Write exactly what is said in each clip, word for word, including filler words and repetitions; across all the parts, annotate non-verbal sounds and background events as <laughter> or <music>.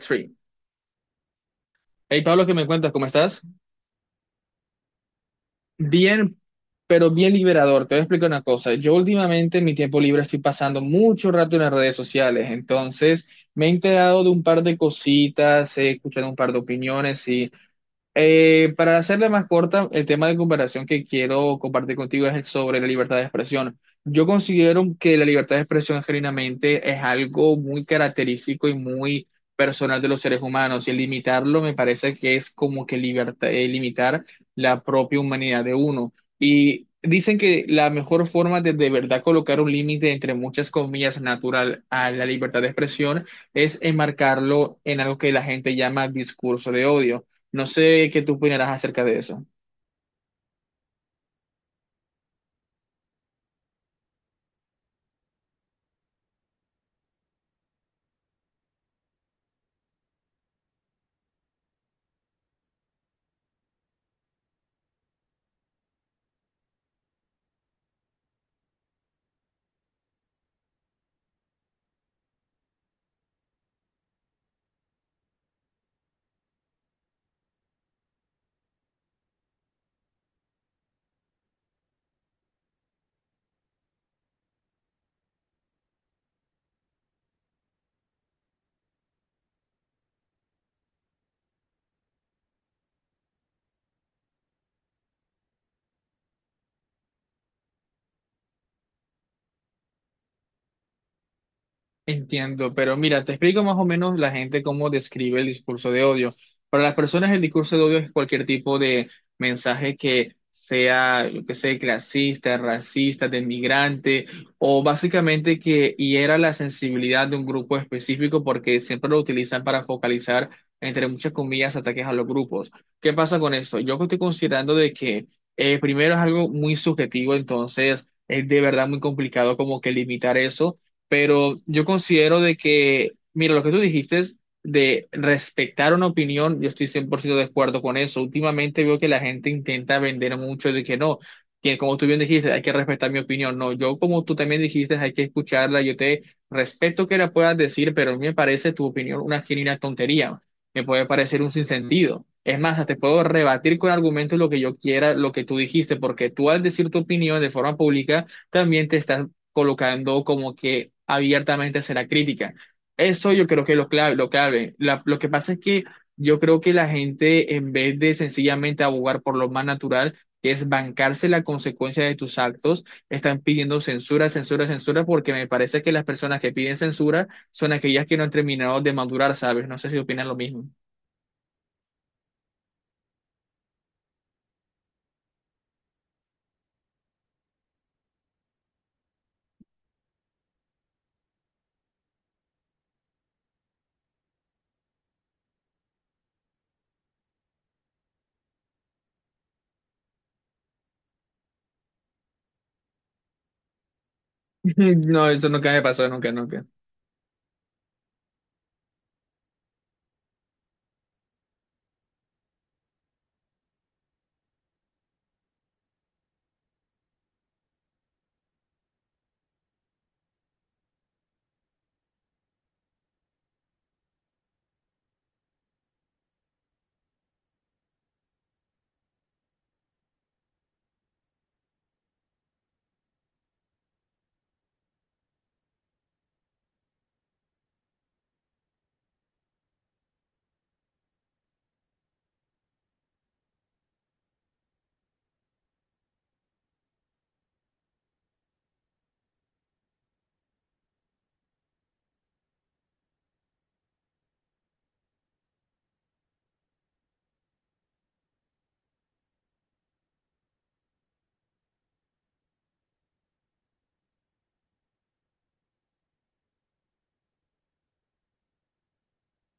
Tree. Hey Pablo, ¿qué me cuentas? ¿Cómo estás? Bien, pero bien liberador. Te voy a explicar una cosa. Yo últimamente en mi tiempo libre estoy pasando mucho rato en las redes sociales, entonces me he enterado de un par de cositas, he escuchado un par de opiniones y Eh, para hacerla más corta, el tema de comparación que quiero compartir contigo es el sobre la libertad de expresión. Yo considero que la libertad de expresión genuinamente es algo muy característico y muy personal de los seres humanos y el limitarlo me parece que es como que liberta- eh, limitar la propia humanidad de uno. Y dicen que la mejor forma de de verdad colocar un límite entre muchas comillas natural a la libertad de expresión es enmarcarlo en algo que la gente llama discurso de odio. No sé qué tú opinarás acerca de eso. Entiendo, pero mira, te explico más o menos la gente cómo describe el discurso de odio. Para las personas, el discurso de odio es cualquier tipo de mensaje que sea, yo que sé, clasista, racista, de migrante, o básicamente que hiera la sensibilidad de un grupo específico porque siempre lo utilizan para focalizar, entre muchas comillas, ataques a los grupos. ¿Qué pasa con esto? Yo estoy considerando de que eh, primero es algo muy subjetivo, entonces es de verdad muy complicado como que limitar eso, pero yo considero de que, mira, lo que tú dijiste es de respetar una opinión, yo estoy cien por ciento de acuerdo con eso. Últimamente veo que la gente intenta vender mucho de que no, que como tú bien dijiste, hay que respetar mi opinión. No, yo como tú también dijiste, hay que escucharla, yo te respeto que la puedas decir, pero a mí me parece tu opinión una genuina tontería, me puede parecer un sinsentido. Es más, te puedo rebatir con argumentos lo que yo quiera, lo que tú dijiste, porque tú al decir tu opinión de forma pública, también te estás colocando como que abiertamente será crítica. Eso yo creo que es lo clave, lo clave. La- lo que pasa es que yo creo que la gente, en vez de sencillamente abogar por lo más natural, que es bancarse la consecuencia de tus actos, están pidiendo censura, censura, censura, porque me parece que las personas que piden censura son aquellas que no han terminado de madurar, ¿sabes? No sé si opinan lo mismo. <laughs> No, eso nunca me pasó, nunca, nunca.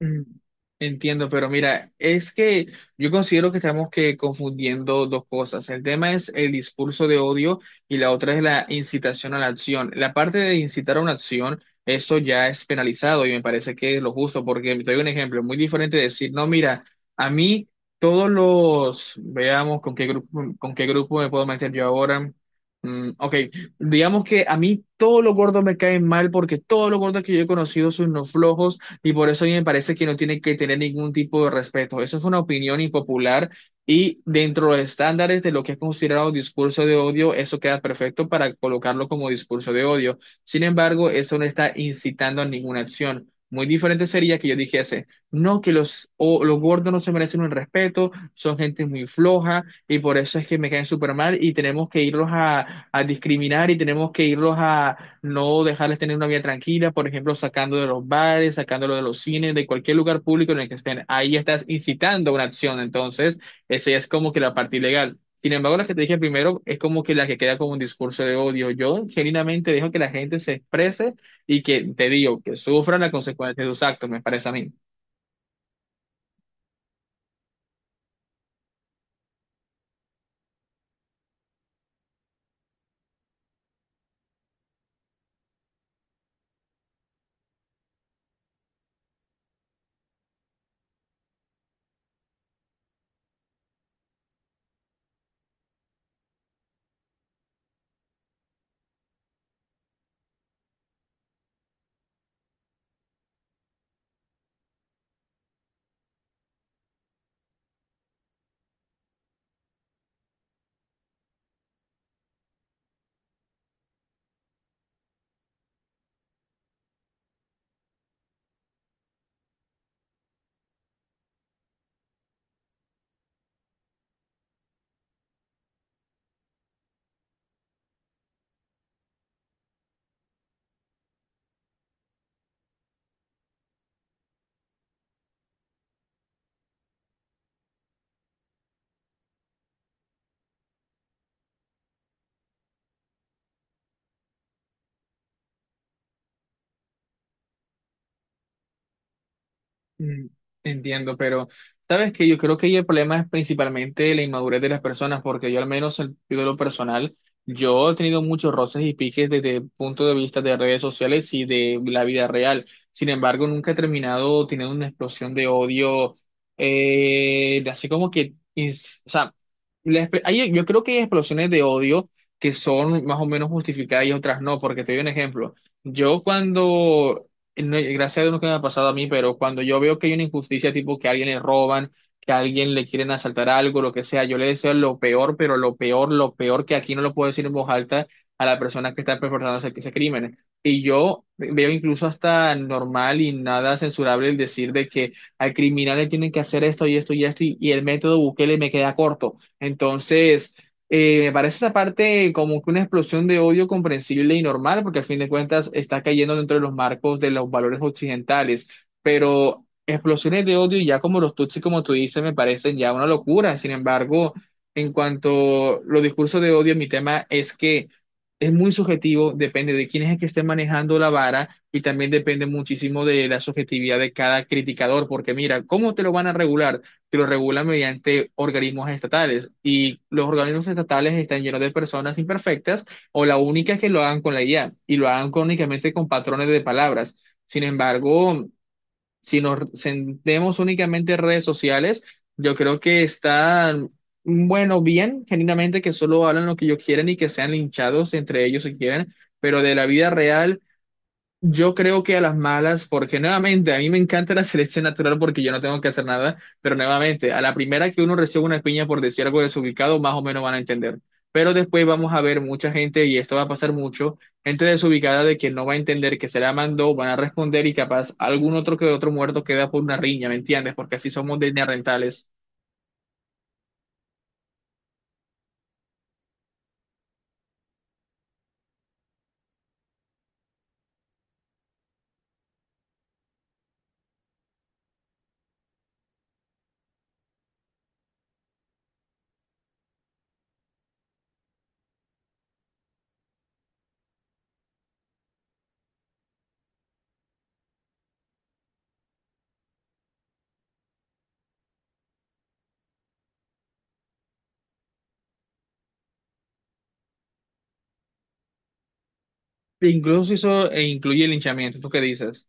Mm, Entiendo, pero mira, es que yo considero que estamos que confundiendo dos cosas. El tema es el discurso de odio y la otra es la incitación a la acción. La parte de incitar a una acción, eso ya es penalizado y me parece que es lo justo, porque te doy un ejemplo muy diferente de decir, no, mira, a mí todos los, veamos con qué grupo, con qué grupo me puedo meter yo ahora. Mm, ok, digamos que a mí todos los gordos me caen mal porque todos los gordos que yo he conocido son unos flojos y por eso a mí me parece que no tiene que tener ningún tipo de respeto. Eso es una opinión impopular y dentro de los estándares de lo que es considerado discurso de odio, eso queda perfecto para colocarlo como discurso de odio. Sin embargo, eso no está incitando a ninguna acción. Muy diferente sería que yo dijese, no, que los, o, los gordos no se merecen un respeto, son gente muy floja y por eso es que me caen súper mal y tenemos que irlos a, a discriminar y tenemos que irlos a, no dejarles tener una vida tranquila, por ejemplo, sacando de los bares, sacándolo de los cines, de cualquier lugar público en el que estén. Ahí estás incitando una acción, entonces, esa es como que la parte ilegal. Sin embargo, la que te dije primero es como que la que queda como un discurso de odio. Yo genuinamente dejo que la gente se exprese y que te digo, que sufran las consecuencias de sus actos, me parece a mí. Mm, Entiendo, pero sabes que yo creo que ahí el problema es principalmente la inmadurez de las personas, porque yo al menos en de lo personal, yo he tenido muchos roces y piques desde el punto de vista de redes sociales y de la vida real. Sin embargo, nunca he terminado teniendo una explosión de odio, eh, de así como que, ins- o sea, la espe- hay- yo creo que hay explosiones de odio que son más o menos justificadas y otras no, porque te doy un ejemplo. Yo cuando no, gracias a Dios nunca me ha pasado a mí, pero cuando yo veo que hay una injusticia, tipo que a alguien le roban, que a alguien le quieren asaltar algo, lo que sea, yo le deseo lo peor, pero lo peor, lo peor que aquí no lo puedo decir en voz alta a la persona que está perpetrando ese, ese crimen. Y yo veo incluso hasta normal y nada censurable el decir de que al criminal le tienen que hacer esto y esto y esto, y, y el método Bukele me queda corto. Entonces. Eh, me parece esa parte como que una explosión de odio comprensible y normal, porque al fin de cuentas está cayendo dentro de los marcos de los valores occidentales, pero explosiones de odio ya como los tutsis, como tú dices, me parecen ya una locura. Sin embargo, en cuanto a los discursos de odio, mi tema es que es muy subjetivo, depende de quién es el que esté manejando la vara y también depende muchísimo de la subjetividad de cada criticador, porque mira, ¿cómo te lo van a regular? Que lo regulan mediante organismos estatales. Y los organismos estatales están llenos de personas imperfectas o la única es que lo hagan con la I A y lo hagan con- únicamente con patrones de palabras. Sin embargo, si nos centremos únicamente en redes sociales, yo creo que están, mm, bueno, bien, genuinamente que solo hablan lo que ellos quieren y que sean linchados entre ellos si quieren, pero de la vida real yo creo que a las malas, porque nuevamente a mí me encanta la selección natural porque yo no tengo que hacer nada, pero nuevamente a la primera que uno recibe una piña por decir algo desubicado, más o menos van a entender. Pero después vamos a ver mucha gente, y esto va a pasar mucho, gente desubicada de que no va a entender que se la mandó, van a responder y capaz algún otro que otro muerto queda por una riña, ¿me entiendes? Porque así somos de neandertales. Incluso eso eh, incluye el linchamiento, ¿tú qué dices?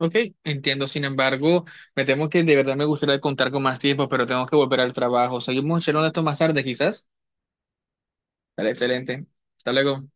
Ok, entiendo. Sin embargo, me temo que de verdad me gustaría contar con más tiempo, pero tengo que volver al trabajo. Seguimos charlando esto más tarde, quizás. Dale, excelente. Hasta luego.